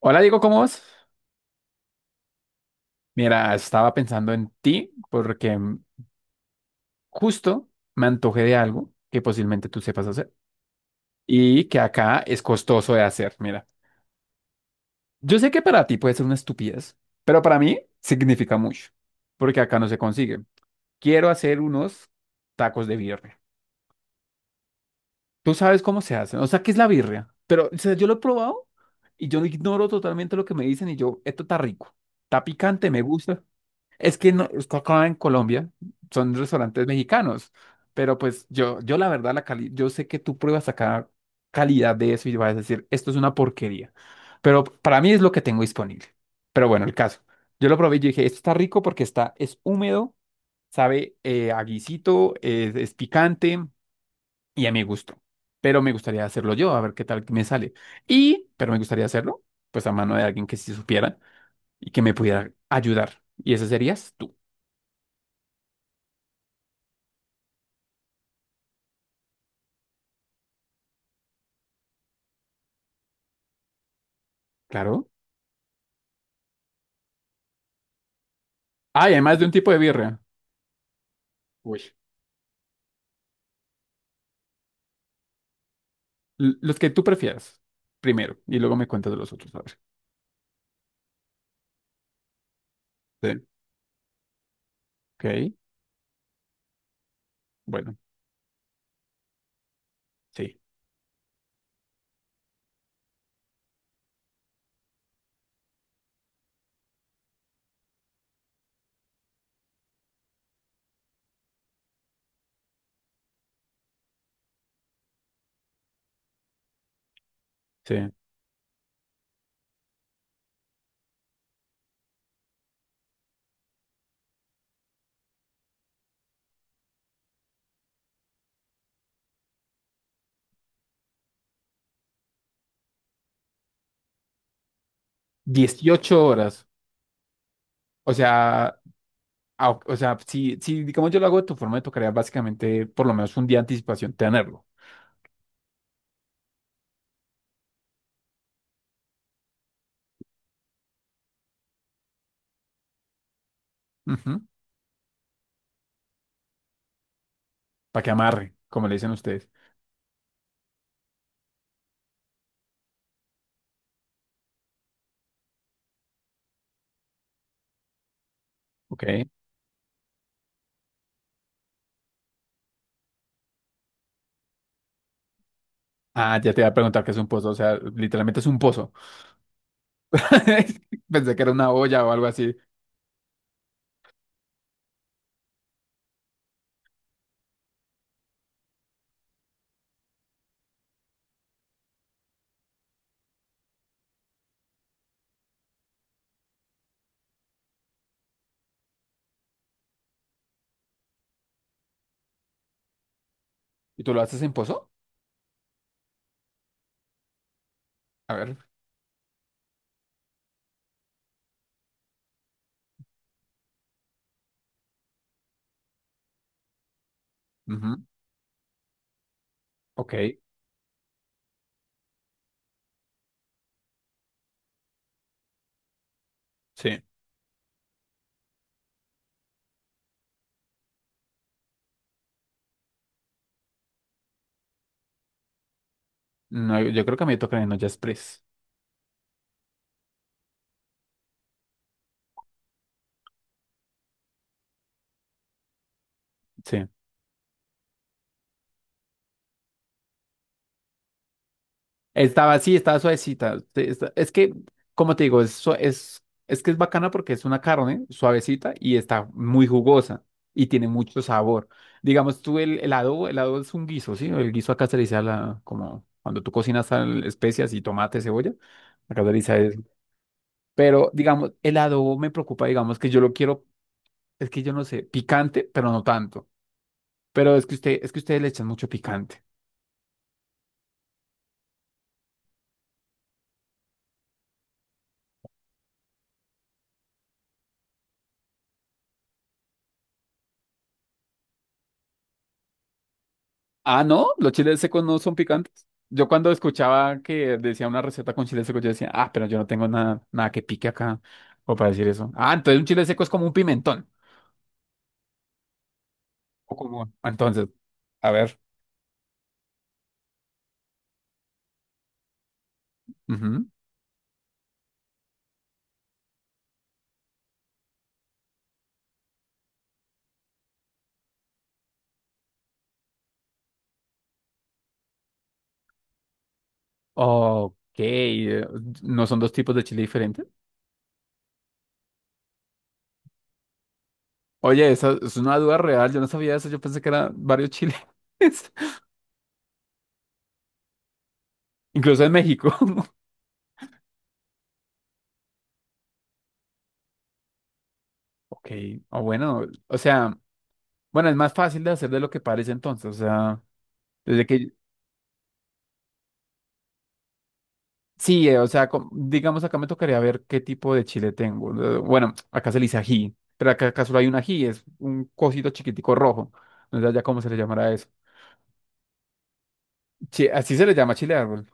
Hola Diego, ¿cómo vas? Mira, estaba pensando en ti porque justo me antojé de algo que posiblemente tú sepas hacer y que acá es costoso de hacer. Mira, yo sé que para ti puede ser una estupidez, pero para mí significa mucho porque acá no se consigue. Quiero hacer unos tacos de birria. Tú sabes cómo se hacen, o sea, ¿qué es la birria? Pero o sea, yo lo he probado y yo ignoro totalmente lo que me dicen y yo, esto está rico, está picante, me gusta. Es que no, es que acá en Colombia son restaurantes mexicanos, pero pues yo la verdad, la cali yo sé que tú pruebas acá calidad de eso y vas a decir, esto es una porquería, pero para mí es lo que tengo disponible. Pero bueno, el caso, yo lo probé y yo dije, esto está rico porque está, es húmedo, sabe a guisito, es picante y a mi gusto, pero me gustaría hacerlo yo, a ver qué tal me sale. Pero me gustaría hacerlo, pues a mano de alguien que sí supiera y que me pudiera ayudar. Y ese serías tú, claro. Ah, y además de un tipo de birria. Uy. Los que tú prefieras, primero, y luego me cuentas de los otros, a ver. Sí. Ok, bueno, sí, sí. 18 horas. O sea, o sea, si digamos yo lo hago de tu forma, me tocaría básicamente por lo menos un día de anticipación tenerlo. Para que amarre, como le dicen ustedes. Ok. Ah, ya te iba a preguntar qué es un pozo. O sea, literalmente es un pozo. Pensé que era una olla o algo así. ¿Y tú lo haces en pozo? A ver. Ujú. Ok, sí. No, yo creo que a mí me toca en Olla Express. Sí. Estaba así, estaba suavecita. Es que, como te digo, es, es que es bacana porque es una carne suavecita y está muy jugosa y tiene mucho sabor. Digamos tú, el adobo, el adobo es un guiso, ¿sí? El guiso acá se le dice a la, como cuando tú cocinas sal, especias y tomate, cebolla. Acá se le dice a eso. Pero, digamos, el adobo me preocupa, digamos, que yo lo quiero, es que yo no sé, picante, pero no tanto. Pero es que usted, es que ustedes le echan mucho picante. Ah, ¿no? ¿Los chiles secos no son picantes? Yo cuando escuchaba que decía una receta con chiles secos, yo decía, ah, pero yo no tengo nada, nada que pique acá, o para decir eso. Ah, entonces un chile seco es como un pimentón. O como… Entonces, a ver. Ujú. Ok, eh, ¿no son dos tipos de chile diferentes? Oye, esa es una duda real, yo no sabía eso, yo pensé que eran varios chiles, incluso en México. Ok, o bueno, o sea, bueno, es más fácil de hacer de lo que parece entonces, o sea, desde que… Sí, o sea, digamos acá me tocaría ver qué tipo de chile tengo. Bueno, acá se le dice ají, pero acá solo hay un ají, es un cosito chiquitico rojo. No sé ya cómo se le llamará eso. Así se le llama chile de árbol.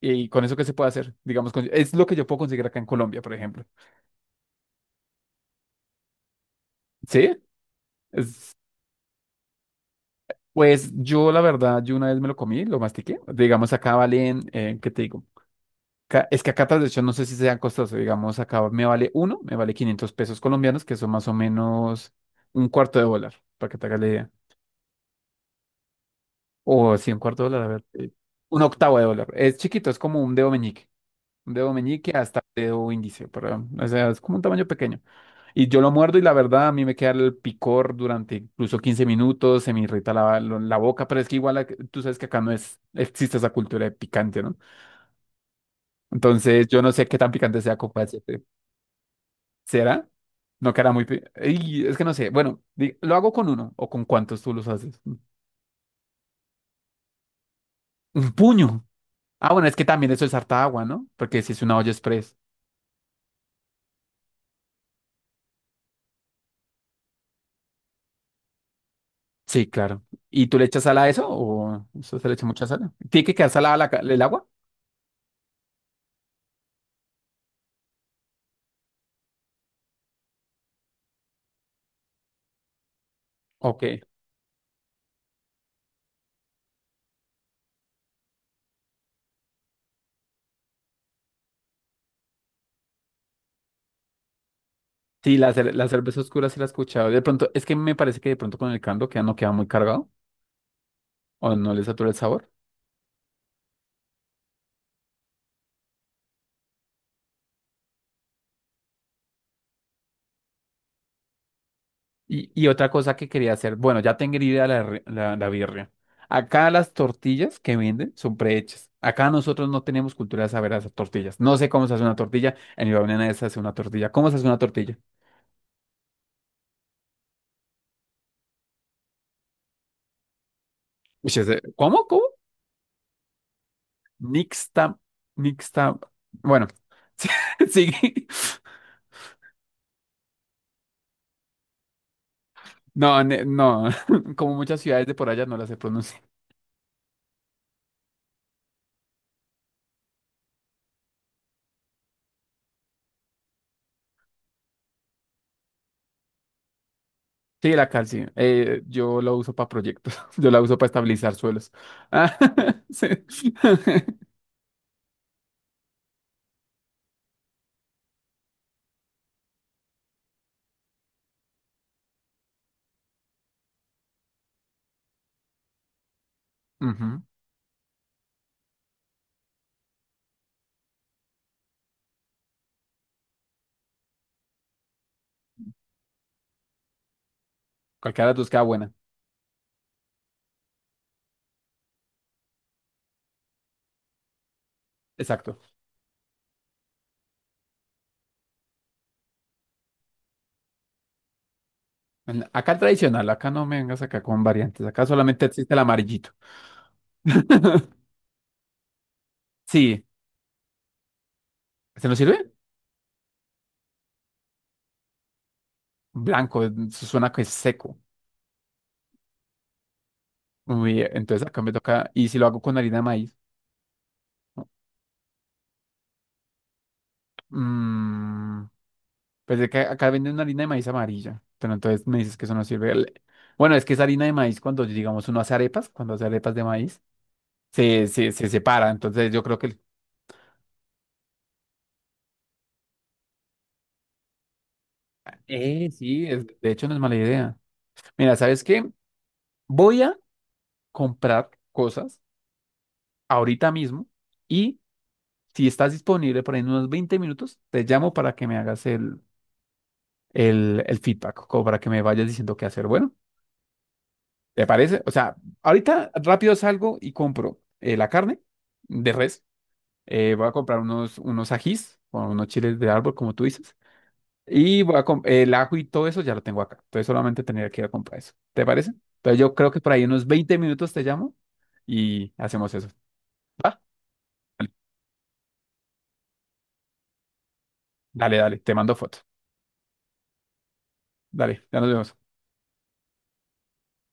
¿Y con eso qué se puede hacer? Digamos, es lo que yo puedo conseguir acá en Colombia, por ejemplo. ¿Sí? Es- pues yo, la verdad, yo una vez me lo comí, lo mastiqué. Digamos, acá valen, ¿qué te digo? Es que acá hecho no sé si sean costosos, digamos, acá me vale uno, me vale 500 pesos colombianos, que son más o menos un cuarto de dólar, para que te hagas la idea. O sí, un cuarto de dólar, a ver, un octavo de dólar. Es chiquito, es como un dedo meñique hasta un dedo índice, pero, o sea, es como un tamaño pequeño. Y yo lo muerdo y la verdad a mí me queda el picor durante incluso 15 minutos, se me irrita la boca, pero es que igual tú sabes que acá no es, existe esa cultura de picante, ¿no? Entonces yo no sé qué tan picante sea como ¿Será? No quedará muy… Ey, es que no sé. Bueno, lo hago con uno. ¿O con cuántos tú los haces? Un puño. Ah, bueno, es que también eso es harta agua, ¿no? Porque si es una olla express. Sí, claro. ¿Y tú le echas sal a eso o eso se le echa mucha sal? ¿Tiene que quedar salada el agua? Ok. Sí, la cerveza oscura sí la he escuchado. De pronto, es que me parece que de pronto con el caldo queda, no queda muy cargado o no le satura el sabor. Y otra cosa que quería hacer, bueno, ya tengo idea la birria. Acá las tortillas que venden son prehechas. Acá nosotros no tenemos cultura de saber hacer tortillas. No sé cómo se hace una tortilla. En mi familia se hace una tortilla. ¿Cómo se hace una tortilla? Uy, ¿Cómo? ¿Cómo? Nixta, nixta. Bueno, sí, sigue. No, no. Como muchas ciudades de por allá no las se pronuncia. Sí, la cal, sí. Yo lo uso para proyectos. Yo la uso para estabilizar suelos. Ah, sí. Ujú. Cualquiera de tus queda buena. Exacto. Acá el tradicional, acá no me vengas acá con variantes. Acá solamente existe el amarillito. Sí, ¿se nos sirve? Blanco, eso suena que es seco. Muy bien, entonces acá me toca. ¿Y si lo hago con harina de maíz? Mm, pues es que acá venden una harina de maíz amarilla. Pero entonces me dices que eso no sirve. Bueno, es que esa harina de maíz, cuando digamos uno hace arepas, cuando hace arepas de maíz, se separa. Entonces yo creo que. Sí, de hecho no es mala idea. Mira, ¿sabes qué? Voy a comprar cosas ahorita mismo y si estás disponible por ahí en unos 20 minutos, te llamo para que me hagas el feedback, como para que me vayas diciendo qué hacer. Bueno, ¿te parece? O sea, ahorita rápido salgo y compro la carne de res, voy a comprar unos ajís, o unos chiles de árbol, como tú dices, y voy a el ajo y todo eso ya lo tengo acá, entonces solamente tendría que ir a comprar eso. ¿Te parece? Entonces yo creo que por ahí unos 20 minutos te llamo y hacemos eso. ¿Va? Dale, dale, te mando fotos. Dale, ya nos vemos.